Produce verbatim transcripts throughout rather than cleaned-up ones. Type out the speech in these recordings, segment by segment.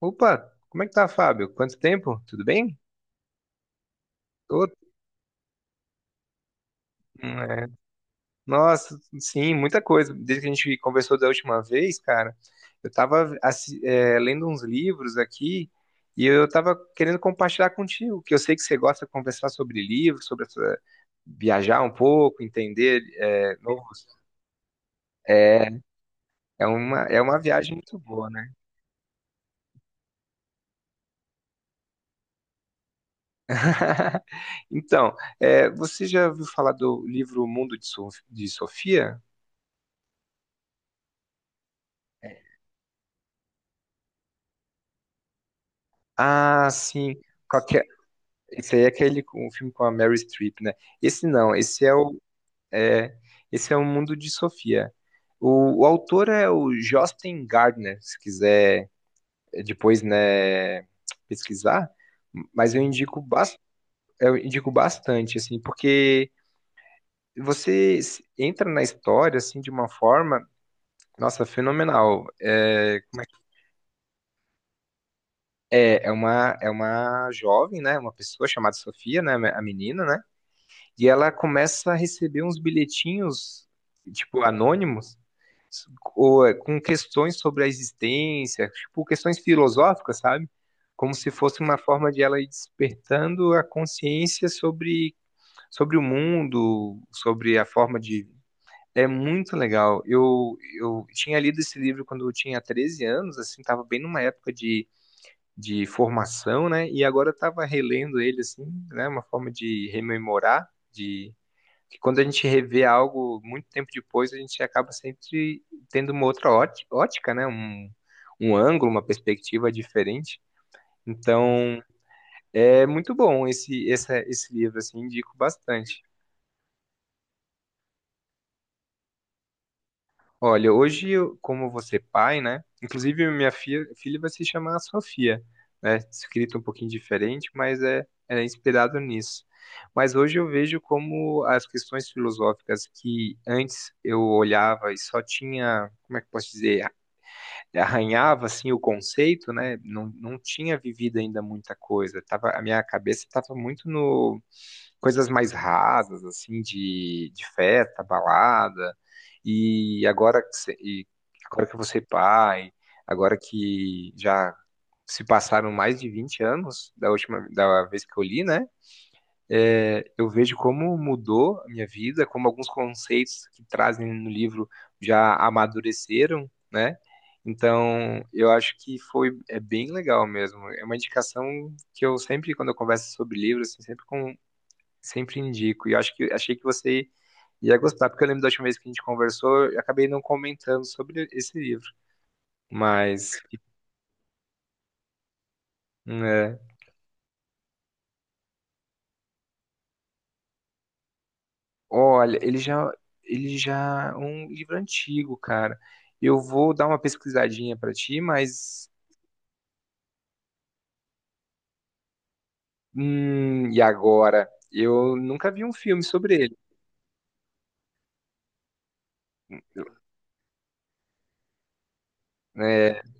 Opa, como é que tá, Fábio? Quanto tempo? Tudo bem? Tô- hum, é. Nossa, sim, muita coisa. Desde que a gente conversou da última vez, cara, eu tava assi- é, lendo uns livros aqui e eu tava querendo compartilhar contigo, que eu sei que você gosta de conversar sobre livros, sobre essa- viajar um pouco, entender é, novos. É, é uma, é uma viagem muito boa, né? Então, é, você já ouviu falar do livro Mundo de Sof- de Sofia? Ah, sim. Qual que é? Esse aí é aquele com- o filme com a Mary Streep, né? Esse não, esse é o é, esse é o Mundo de Sofia. O, o autor é o Josten Gardner, se quiser eh, depois, né, pesquisar, mas eu indico, bas- eu indico bastante assim, porque você s- entra na história assim de uma forma, nossa, fenomenal. É, como é, que- é é uma é uma jovem, né, uma pessoa chamada Sofia, né, a menina, né? E ela começa a receber uns bilhetinhos, tipo, anônimos, ou, é, com questões sobre a existência, tipo, questões filosóficas, sabe? Como se fosse uma forma de ela ir despertando a consciência sobre, sobre o mundo, sobre a forma de. É muito legal. Eu, eu tinha lido esse livro quando eu tinha treze anos, assim, tava bem numa época de, de formação, né? E agora eu tava relendo ele, assim, né? Uma forma de rememorar, de que quando a gente revê algo muito tempo depois, a gente acaba sempre tendo uma outra óti- ótica, né? Um, um ângulo, uma perspectiva diferente. Então, é muito bom esse, essa- esse livro, assim, indico bastante. Olha, hoje, eu, como você é pai, né? Inclusive, minha fi- filha vai se chamar Sofia, né? Escrito um pouquinho diferente, mas é, é inspirado nisso. Mas hoje eu vejo como as questões filosóficas que antes eu olhava e só tinha, como é que eu posso dizer, arranhava assim o conceito, né? Não, não tinha vivido ainda muita coisa. Tava, a minha cabeça estava muito no coisas mais rasas, assim, de, de festa, balada. E agora, que cê- e agora que você é pai, agora que já se passaram mais de vinte anos da última da vez que eu li, né? É, eu vejo como mudou a minha vida, como alguns conceitos que trazem no livro já amadureceram, né? Então, eu acho que foi é bem legal mesmo. É uma indicação que eu sempre, quando eu converso sobre livros, assim, sempre com, sempre indico. E eu acho que achei que você ia gostar, porque eu lembro da última vez que a gente conversou, eu acabei não comentando sobre esse livro. Mas, né, olha, ele já, ele já é um livro antigo, cara. Eu vou dar uma pesquisadinha pra ti, mas hum, e agora? Eu nunca vi um filme sobre ele. É.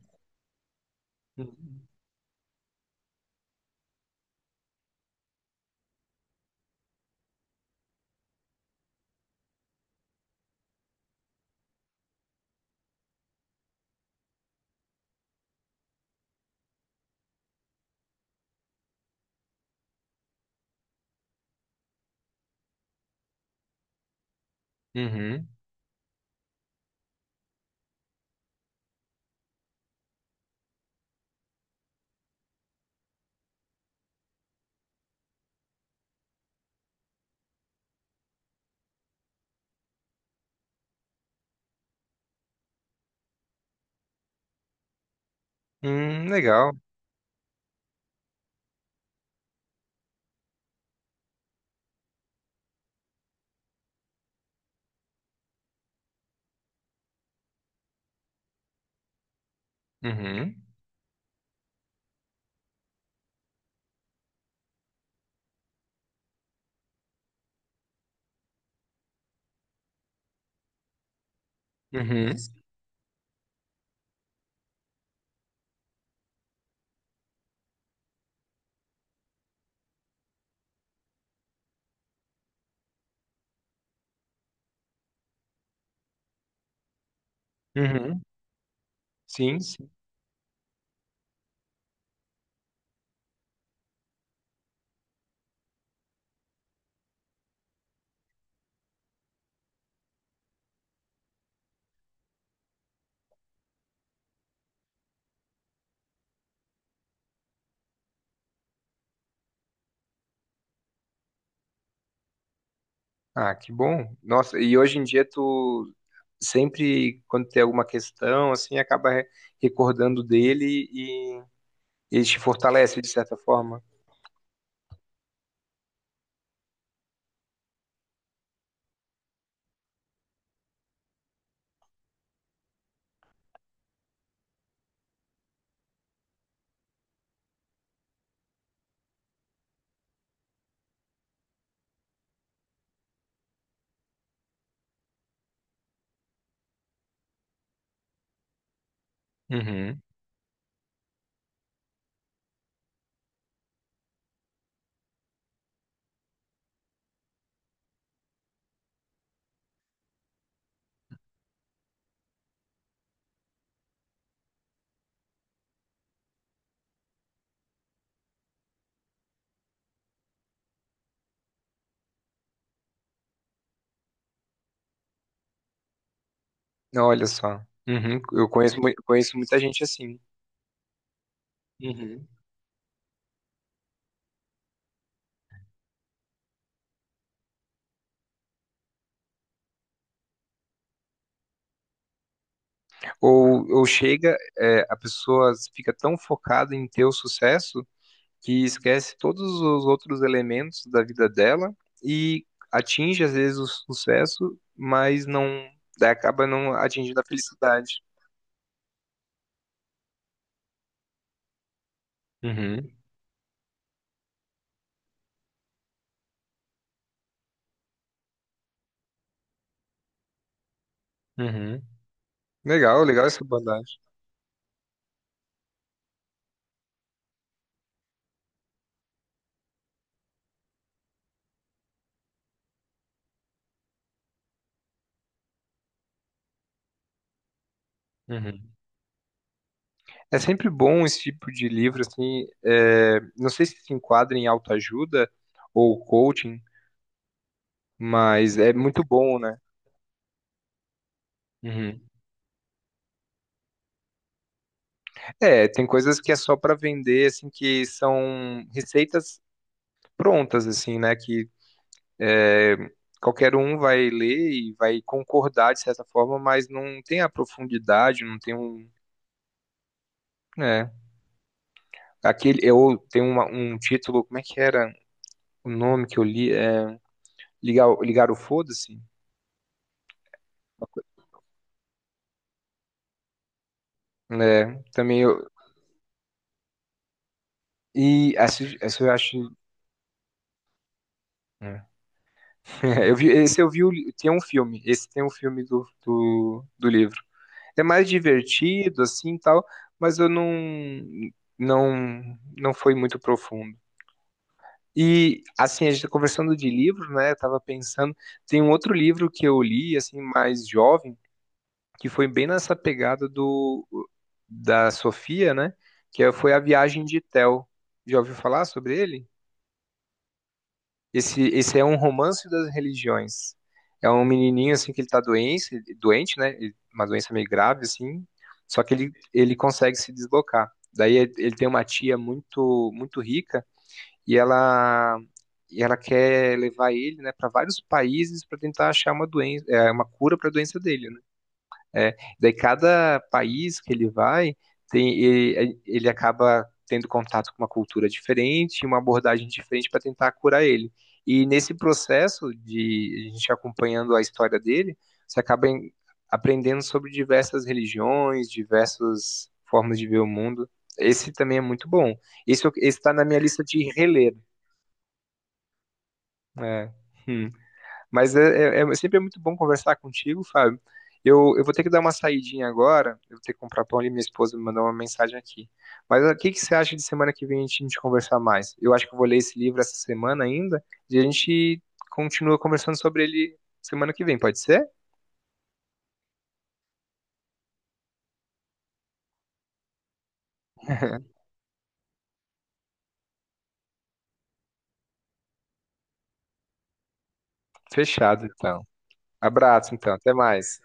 Uhum. Uhum. Hum, legal. Uhum. Uhum. Uhum. Sim, sim. Ah, que bom. Nossa, e hoje em dia tu sempre quando tem alguma questão, assim, acaba re- recordando dele e ele te fortalece de certa forma. Uhum. Olha só. Uhum. Eu conheço, mui- conheço muita gente assim. Uhum. Ou, ou chega, é, a pessoa fica tão focada em ter o sucesso que esquece todos os outros elementos da vida dela e atinge às vezes o sucesso, mas não acaba não atingindo a felicidade. Uhum. Uhum. Legal, legal essa abordagem. Uhum. É sempre bom esse tipo de livro, assim, é, não sei se se enquadra em autoajuda ou coaching, mas é muito bom, né? Uhum. É, tem coisas que é só para vender, assim, que são receitas prontas, assim, né? Que é, qualquer um vai ler e vai concordar de certa forma, mas não tem a profundidade, não tem um, né? Aquele, eu tenho uma- um título, como é que era o nome que eu li? É, ligar, ligar o foda-se? É, também eu. E essa, essa eu acho. É. Eu vi, esse eu vi. o li- Tem um filme. Esse tem um filme do, do, do livro. É mais divertido, assim tal, mas eu não. Não, não foi muito profundo. E, assim, a gente tá conversando de livro, né? Eu tava pensando. Tem um outro livro que eu li, assim, mais jovem, que foi bem nessa pegada do. Da Sofia, né? Que é- foi A Viagem de Théo. Já ouviu falar sobre ele? Esse, esse é um romance das religiões. É um menininho assim que ele tá doente, doente, né? Uma doença meio grave assim. Só que ele, ele consegue se deslocar. Daí ele tem uma tia muito muito rica e ela e ela quer levar ele, né, para vários países para tentar achar uma doença, é, uma cura para a doença dele, né? É, daí cada país que ele vai, tem, ele, ele acaba tendo contato com uma cultura diferente, uma abordagem diferente para tentar curar ele. E nesse processo de a gente acompanhando a história dele, você acaba em- aprendendo sobre diversas religiões, diversas formas de ver o mundo. Esse também é muito bom. Esse está na minha lista de reler. É. Mas é, é- é- sempre é muito bom conversar contigo, Fábio. Eu, eu vou ter que dar uma saidinha agora. Eu vou ter que comprar pão ali. Minha esposa me mandou uma mensagem aqui. Mas ah, o que que você acha de semana que vem a gente, a gente conversar mais? Eu acho que eu vou ler esse livro essa semana ainda. E a gente continua conversando sobre ele semana que vem, pode ser? Fechado, então. Abraço, então. Até mais.